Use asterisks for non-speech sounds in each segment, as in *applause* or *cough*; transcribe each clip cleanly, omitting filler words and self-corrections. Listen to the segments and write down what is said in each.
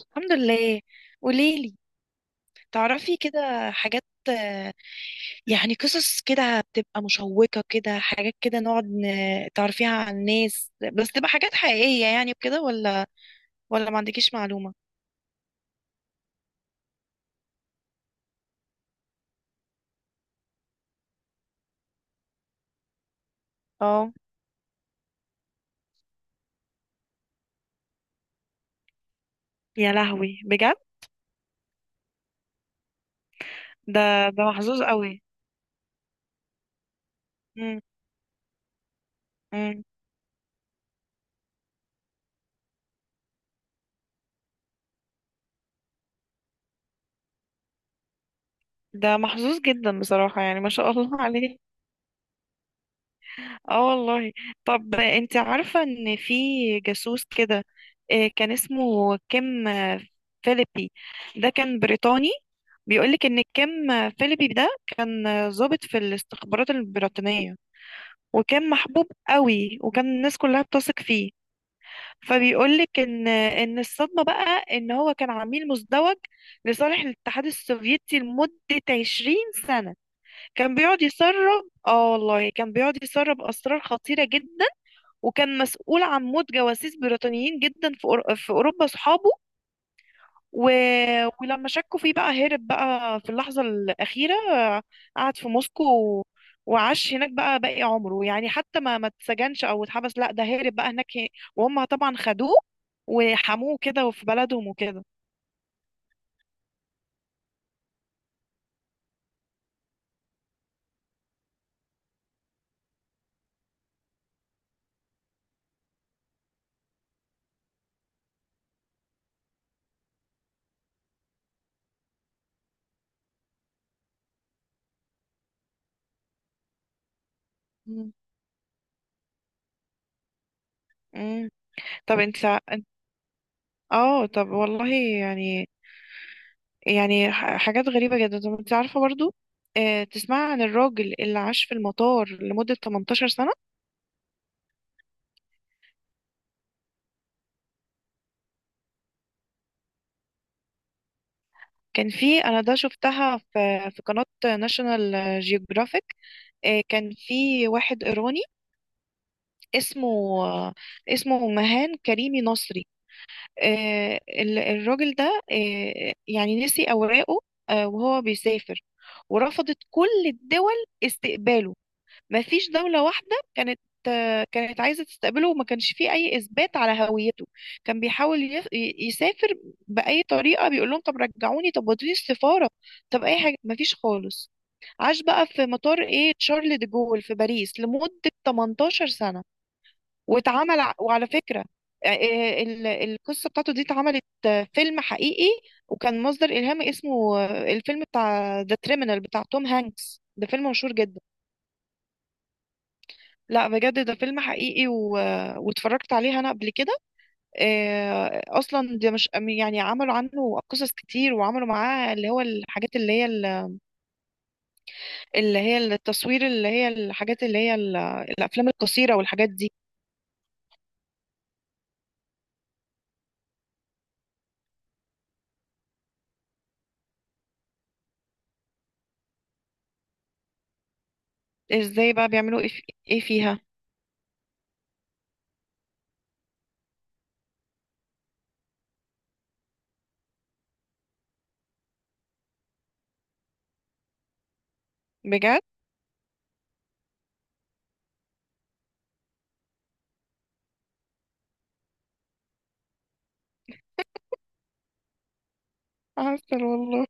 الحمد لله. قوليلي، تعرفي كده حاجات، آه، يعني قصص كده بتبقى مشوقة، كده حاجات كده نقعد تعرفيها عن الناس، بس تبقى حاجات حقيقية يعني وكده، ولا ولا ما عندكيش معلومة؟ اه. يا لهوي بجد. ده ده محظوظ قوي. امم. امم. ده محظوظ جدا بصراحة، يعني ما شاء الله *laughs* عليه. اه والله. طب انت عارفة ان في جاسوس كده، كان اسمه كيم فيليبي، ده كان بريطاني. بيقولك ان كيم فيليبي ده كان ضابط في الاستخبارات البريطانية، وكان محبوب قوي، وكان الناس كلها بتثق فيه. فبيقولك ان الصدمة بقى ان هو كان عميل مزدوج لصالح الاتحاد السوفيتي لمدة 20 سنة. كان بيقعد يسرب، اه والله، كان بيقعد يسرب اسرار خطيرة جدا، وكان مسؤول عن موت جواسيس بريطانيين جدا في في أوروبا صحابه، و... ولما شكوا فيه بقى هرب بقى في اللحظة الأخيرة. قعد في موسكو و... وعاش هناك بقى باقي عمره، يعني حتى ما اتسجنش أو اتحبس، لا ده هرب بقى هناك. وهم طبعا خدوه وحموه كده، وفي بلدهم وكده. مم. مم. طب انت، انت- اه طب والله، يعني يعني حاجات غريبة جدا. طب انت عارفة برضو، اه، تسمع عن الراجل اللي عاش في المطار لمدة 18 سنة؟ كان في، انا ده شفتها في قناة ناشونال جيوغرافيك. كان في واحد ايراني اسمه آه، اسمه مهان كريمي نصري. الراجل ده يعني نسي اوراقه وهو بيسافر، ورفضت كل الدول استقباله. ما فيش دولة واحدة كانت كانت عايزة تستقبله، وما كانش فيه أي إثبات على هويته. كان بيحاول يسافر بأي طريقة، بيقول لهم طب رجعوني، طب ودوني السفارة، طب أي حاجة، ما فيش خالص. عاش بقى في مطار إيه تشارل دي جول في باريس لمدة 18 سنة. وعلى فكرة القصة بتاعته دي اتعملت فيلم حقيقي، وكان مصدر إلهام، اسمه الفيلم بتاع ذا كريمنال بتاع توم هانكس، ده فيلم مشهور جدا. لا بجد ده فيلم حقيقي واتفرجت عليه انا قبل كده. اصلا ده مش، يعني عملوا عنه قصص كتير، وعملوا معاه اللي هو الحاجات اللي هي اللي هي التصوير، اللي هي الحاجات اللي هي الافلام القصيره والحاجات دي. ازاي بقى بيعملوا ايه إيه فيها؟ بجد؟ *laughs* عسل والله.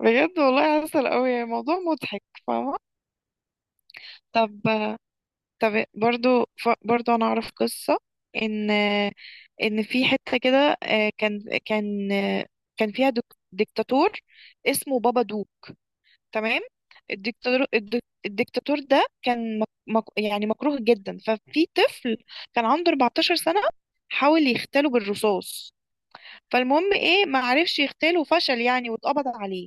بجد والله عسل قوي، موضوع مضحك، فاهمه؟ طب، طب برضو، برضو انا اعرف قصة، ان ان في حتة كده، كان فيها ديكتاتور اسمه بابا دو، تمام؟ الدكتاتور، الدكتاتور ده كان مك يعني مكروه جدا. ففي طفل كان عنده 14 سنة، حاول يغتاله بالرصاص. فالمهم ايه، ما عرفش يغتاله وفشل يعني، واتقبض عليه.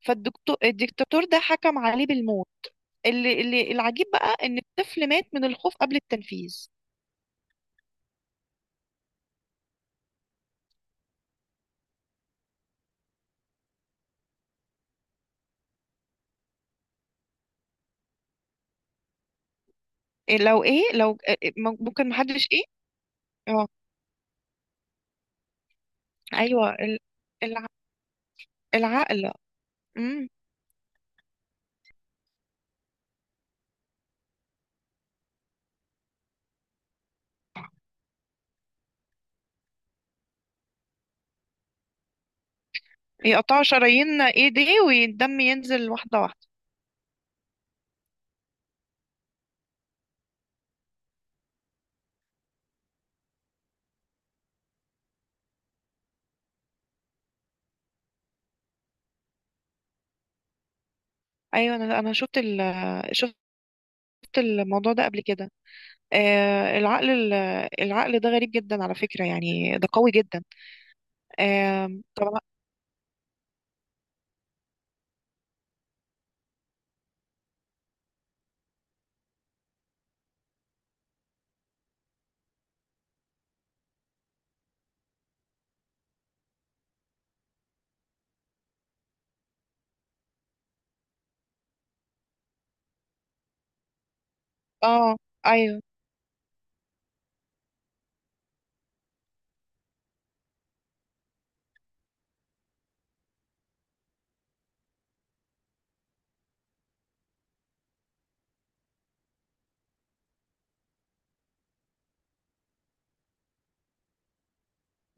فالدكتور، الدكتاتور ده حكم عليه بالموت. اللي العجيب بقى ان الطفل مات من الخوف قبل التنفيذ. إيه لو ايه، لو إيه- إيه، ممكن محدش ايه؟ اه. ايوه الع- العقل. امم. يقطعوا شرايين ايديه والدم ينزل واحده واحده. ايوه، انا شفت ال، شفت الموضوع ده قبل كده. آه العقل، العقل ده غريب جدا على فكره، يعني ده قوي جدا. آه. طب اه ايوه.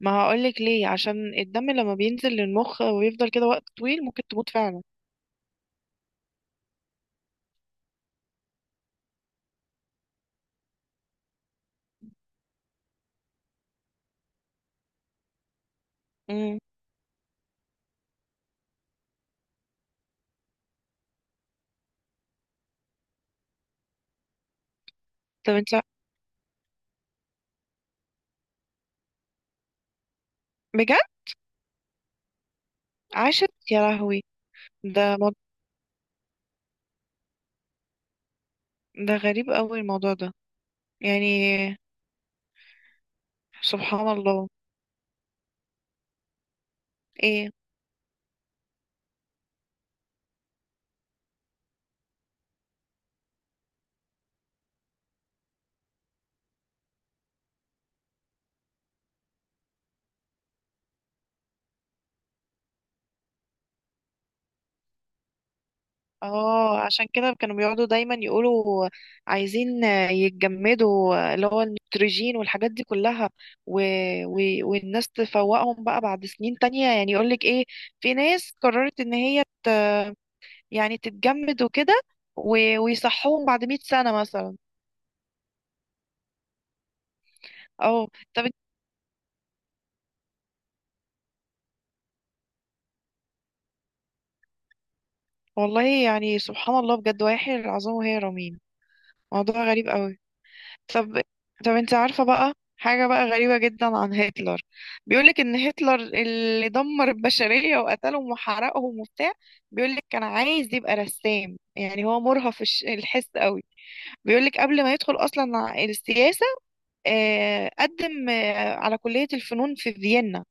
ما هقولك ليه، عشان الدم لما بينزل للمخ ويفضل كده وقت طويل ممكن تموت فعلا. امم. طب انت. بجد؟ عاشت؟ يا لهوي. ده ده غريب قوي الموضوع ده يعني. سبحان الله. ايه. اه عشان كده كانوا بيقعدوا دايما يقولوا عايزين يتجمدوا، اللي هو النيتروجين والحاجات دي كلها، و... و... والناس تفوقهم بقى بعد سنين تانية. يعني يقولك ايه، في ناس قررت ان هي يعني تتجمد وكده، ويصحوهم بعد 100 سنة مثلا. اه. طب والله يعني سبحان الله بجد، ويحيي العظام وهي رميم. موضوع غريب قوي. طب، طب انت عارفة بقى حاجة بقى غريبة جدا عن هتلر؟ بيقولك ان هتلر اللي دمر البشرية وقتلهم وحرقهم وبتاع، بيقولك كان عايز يبقى رسام، يعني هو مرهف الحس قوي. بيقولك قبل ما يدخل اصلا السياسة، قدم على كلية الفنون في فيينا،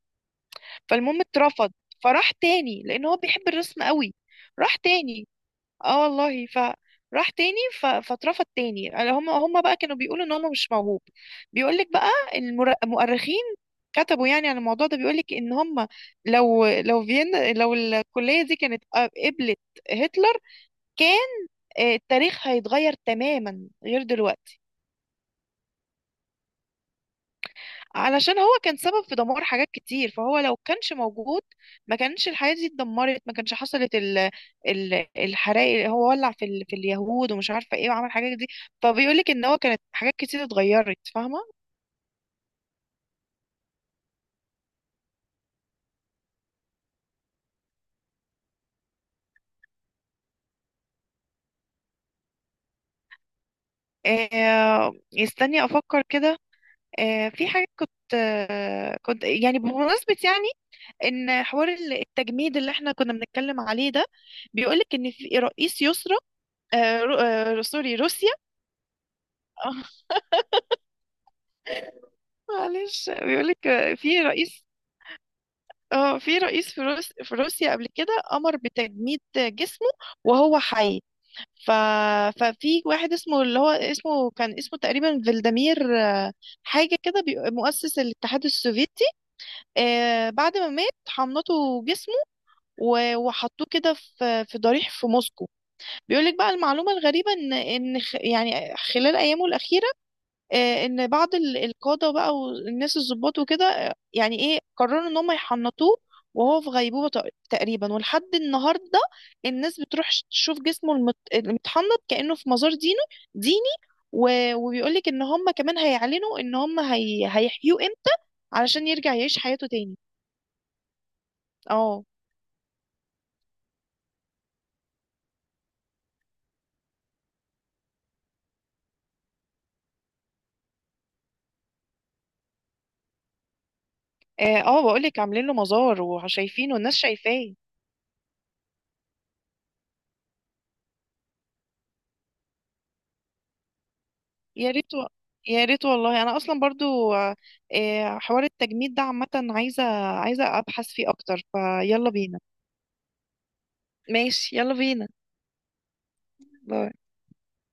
فالمهم اترفض. فراح تاني لان هو بيحب الرسم قوي، راح تاني، اه والله، فراح تاني فاترفض تاني. هم بقى كانوا بيقولوا ان هو مش موهوب. بيقول لك بقى المؤرخين كتبوا يعني عن الموضوع ده، بيقول لك ان هم لو فيينا، لو الكليه دي كانت قبلت هتلر، كان التاريخ هيتغير تماما غير دلوقتي. علشان هو كان سبب في دمار حاجات كتير، فهو لو كانش موجود ما كانش الحياة دي اتدمرت، ما كانش حصلت ال الحرائق اللي هو ولع في ال، في اليهود ومش عارفة ايه، وعمل حاجات دي. فبيقول لك ان هو كانت حاجات كتير اتغيرت، فاهمة؟ آه يستني افكر كده. آه في حاجة كنت، آه كنت يعني بمناسبة يعني، ان حوار التجميد اللي احنا كنا بنتكلم عليه ده، بيقول لك ان في رئيس يسرى، آه سوري روسيا. *laughs* معلش بيقولك، في رئيس، اه في رئيس في في روسيا قبل كده امر بتجميد جسمه وهو حي. ف... ففي واحد اسمه، اللي هو اسمه، كان اسمه تقريبا فلاديمير حاجة كده مؤسس الاتحاد السوفيتي. بعد ما مات حملته جسمه وحطوه كده في في ضريح في موسكو. بيقولك بقى المعلومة الغريبة ان ان يعني خلال ايامه الأخيرة، ان بعض القاده بقى والناس الضباط وكده، يعني ايه قرروا ان هم يحنطوه وهو في غيبوبه تقريبا. ولحد النهارده الناس بتروح تشوف جسمه المتحنط كانه في مزار ديني. وبيقولك ان هم كمان هيعلنوا ان هم هيحيوه امتى علشان يرجع يعيش حياته تاني. اه. اه، بقولك عاملين له مزار وشايفينه، الناس شايفاه. يا ريت يا ريت والله. انا اصلا برضو حوار التجميد ده عامه عايزه، عايزه ابحث فيه اكتر، فيلا بينا. ماشي يلا بينا. باي.